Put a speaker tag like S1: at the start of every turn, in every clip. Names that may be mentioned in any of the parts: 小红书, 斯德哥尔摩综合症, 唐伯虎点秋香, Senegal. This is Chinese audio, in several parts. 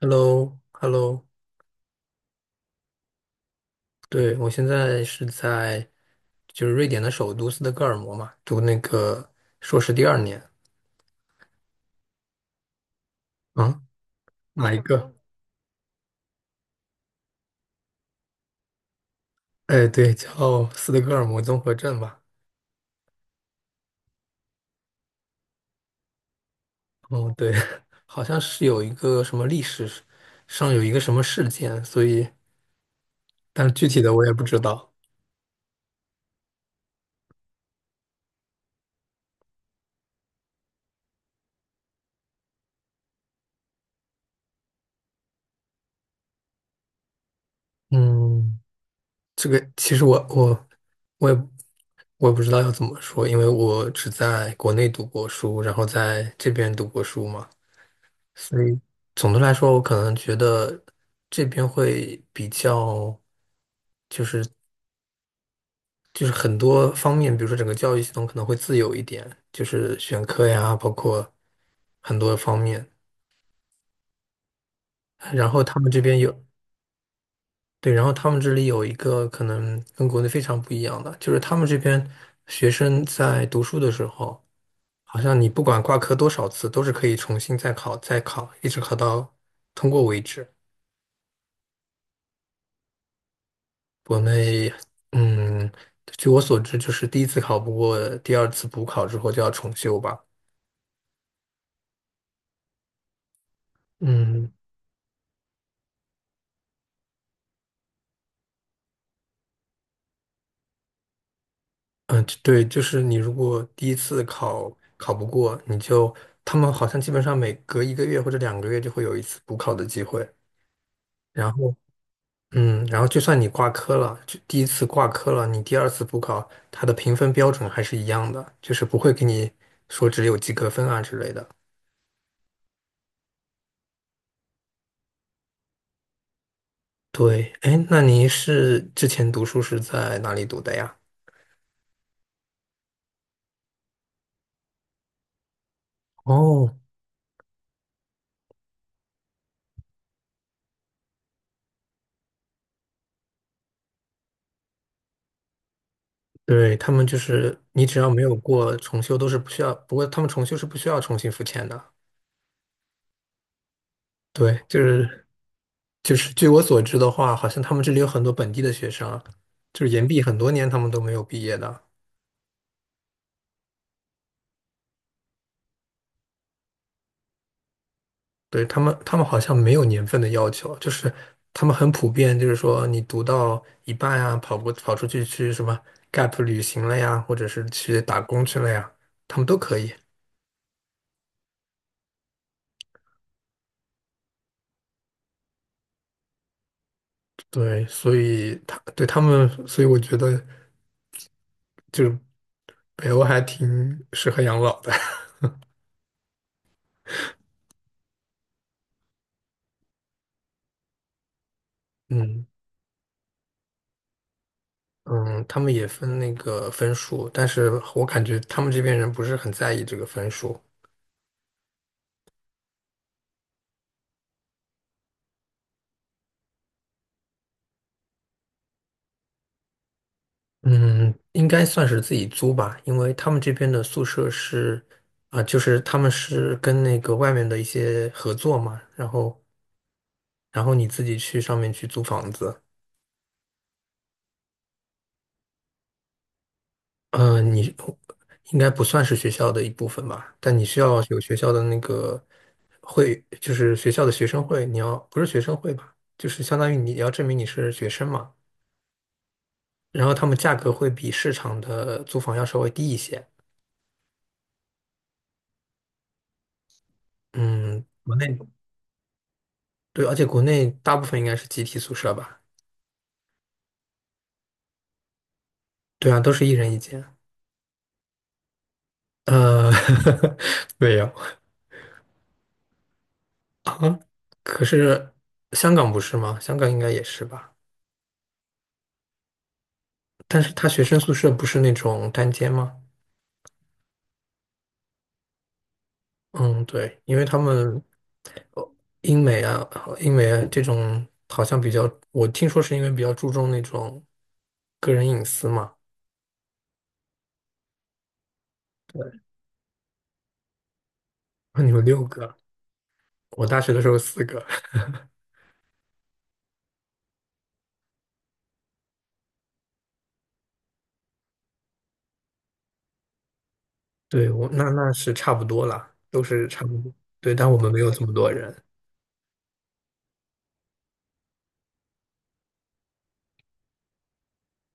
S1: Hello, hello。 对，我现在是在就是瑞典的首都斯德哥尔摩嘛，读那个硕士第二年。啊，哪个？哎，对，叫斯德哥尔摩综合症吧。哦，对，好像是有一个什么历史上有一个什么事件，所以但具体的我也不知道。嗯，这个其实我也我也不知道要怎么说，因为我只在国内读过书，然后在这边读过书嘛。所以总的来说，我可能觉得这边会比较，就是就是很多方面，比如说整个教育系统可能会自由一点，就是选课呀，包括很多方面。然后他们这边有，对，然后他们这里有一个可能跟国内非常不一样的，就是他们这边学生在读书的时候，好像你不管挂科多少次，都是可以重新再考，再考，一直考到通过为止。国内，嗯，据我所知，就是第一次考不过，第二次补考之后就要重修吧。嗯嗯，呃对，就是你如果第一次考不过，你就他们好像基本上每隔1个月或者2个月就会有一次补考的机会。然后，嗯，然后就算你挂科了，就第一次挂科了，你第二次补考，它的评分标准还是一样的，就是不会给你说只有及格分啊之类的。对，哎，那您是之前读书是在哪里读的呀？哦，对，他们就是你只要没有过重修都是不需要，不过他们重修是不需要重新付钱的。对，就是据我所知的话，好像他们这里有很多本地的学生啊，就是延毕很多年他们都没有毕业的。对，他们好像没有年份的要求，就是他们很普遍，就是说你读到一半啊，跑出去去什么 gap 旅行了呀，或者是去打工去了呀，他们都可以。对，所以他们，所以我觉得。就北欧还挺适合养老的。嗯嗯，他们也分那个分数，但是我感觉他们这边人不是很在意这个分数。嗯，应该算是自己租吧，因为他们这边的宿舍是啊、就是他们是跟那个外面的一些合作嘛，然后你自己去上面去租房子。呃，你应该不算是学校的一部分吧？但你需要有学校的那个会，就是学校的学生会，你要不是学生会吧，就是相当于你要证明你是学生嘛。然后他们价格会比市场的租房要稍微低一些。嗯，国内对，而且国内大部分应该是集体宿舍吧？对啊，都是一人一间。呃，没有啊，可是香港不是吗？香港应该也是吧？但是他学生宿舍不是那种单间吗？嗯，对，因为他们呃英美啊，英美啊这种好像比较，我听说是因为比较注重那种个人隐私嘛。那你们六个，我大学的时候四个，对，我那是差不多啦，都是差不多。对，但我们没有这么多人。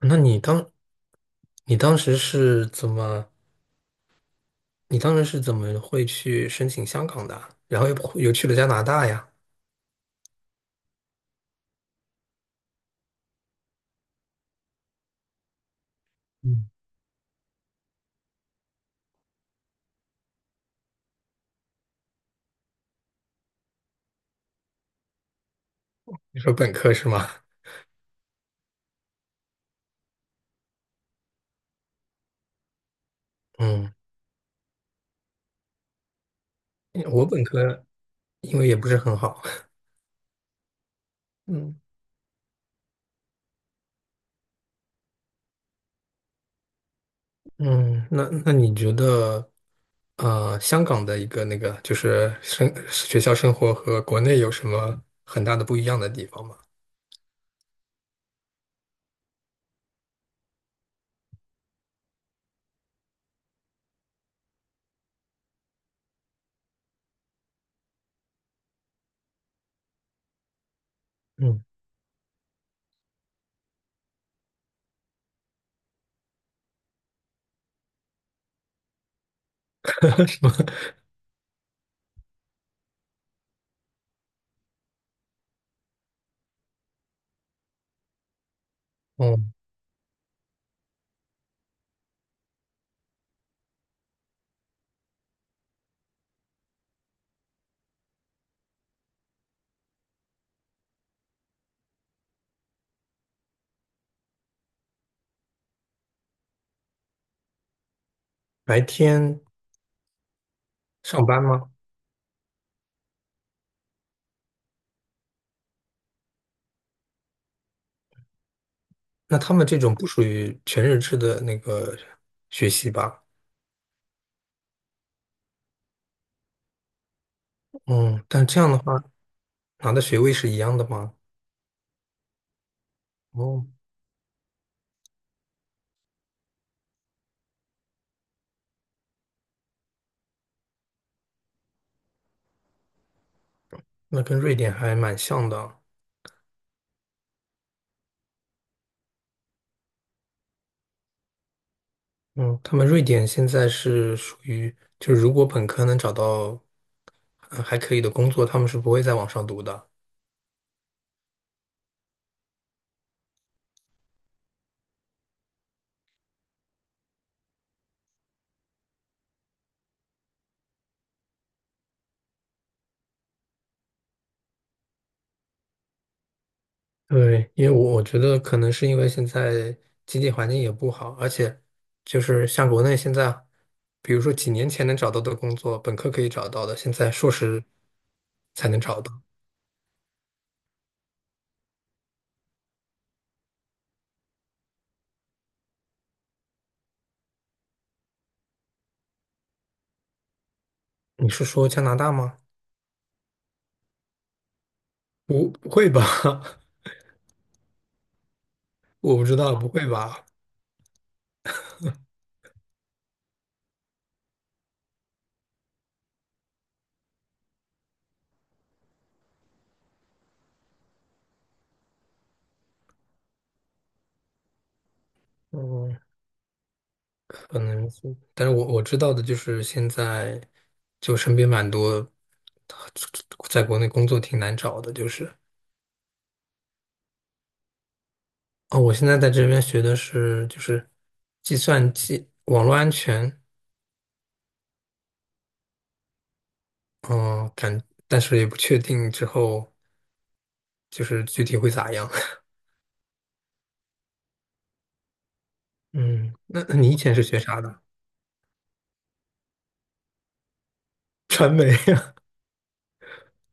S1: 那你当，你当时是怎么，你当时是怎么会去申请香港的啊，然后又去了加拿大呀？嗯，你说本科是吗？嗯，我本科因为也不是很好。嗯嗯，那你觉得，呃，香港的一个那个就是生学校生活和国内有什么很大的不一样的地方吗？嗯，什么？嗯，白天上班吗？那他们这种不属于全日制的那个学习吧？嗯，但这样的话拿的学位是一样的吗？哦，那跟瑞典还蛮像的啊。嗯，他们瑞典现在是属于，就是如果本科能找到呃还可以的工作，他们是不会再往上读的。对，因为我觉得可能是因为现在经济环境也不好，而且就是像国内现在，比如说几年前能找到的工作，本科可以找到的，现在硕士才能找到。你是说加拿大吗？不，不会吧？我不知道，不会吧？嗯。可能是，但是我知道的就是现在，就身边蛮多，在国内工作挺难找的，就是哦，我现在在这边学的是就是计算机网络安全，嗯、感，但是也不确定之后就是具体会咋样。嗯，那你以前是学啥的？传媒，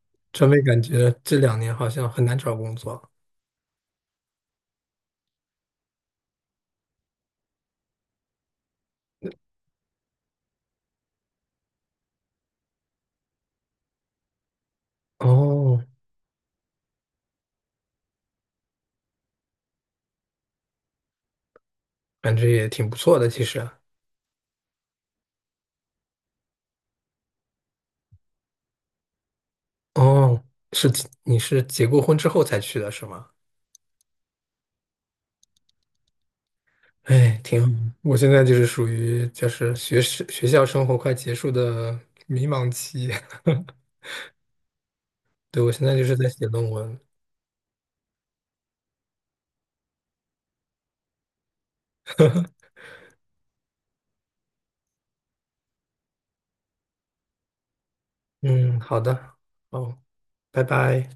S1: 传媒感觉这两年好像很难找工作。哦，感觉也挺不错的，其实。哦，是你是结过婚之后才去的是吗？哎，挺好。我现在就是属于就是学生学校生活快结束的迷茫期，对，我现在就是在写论文。嗯，好的，哦，拜拜。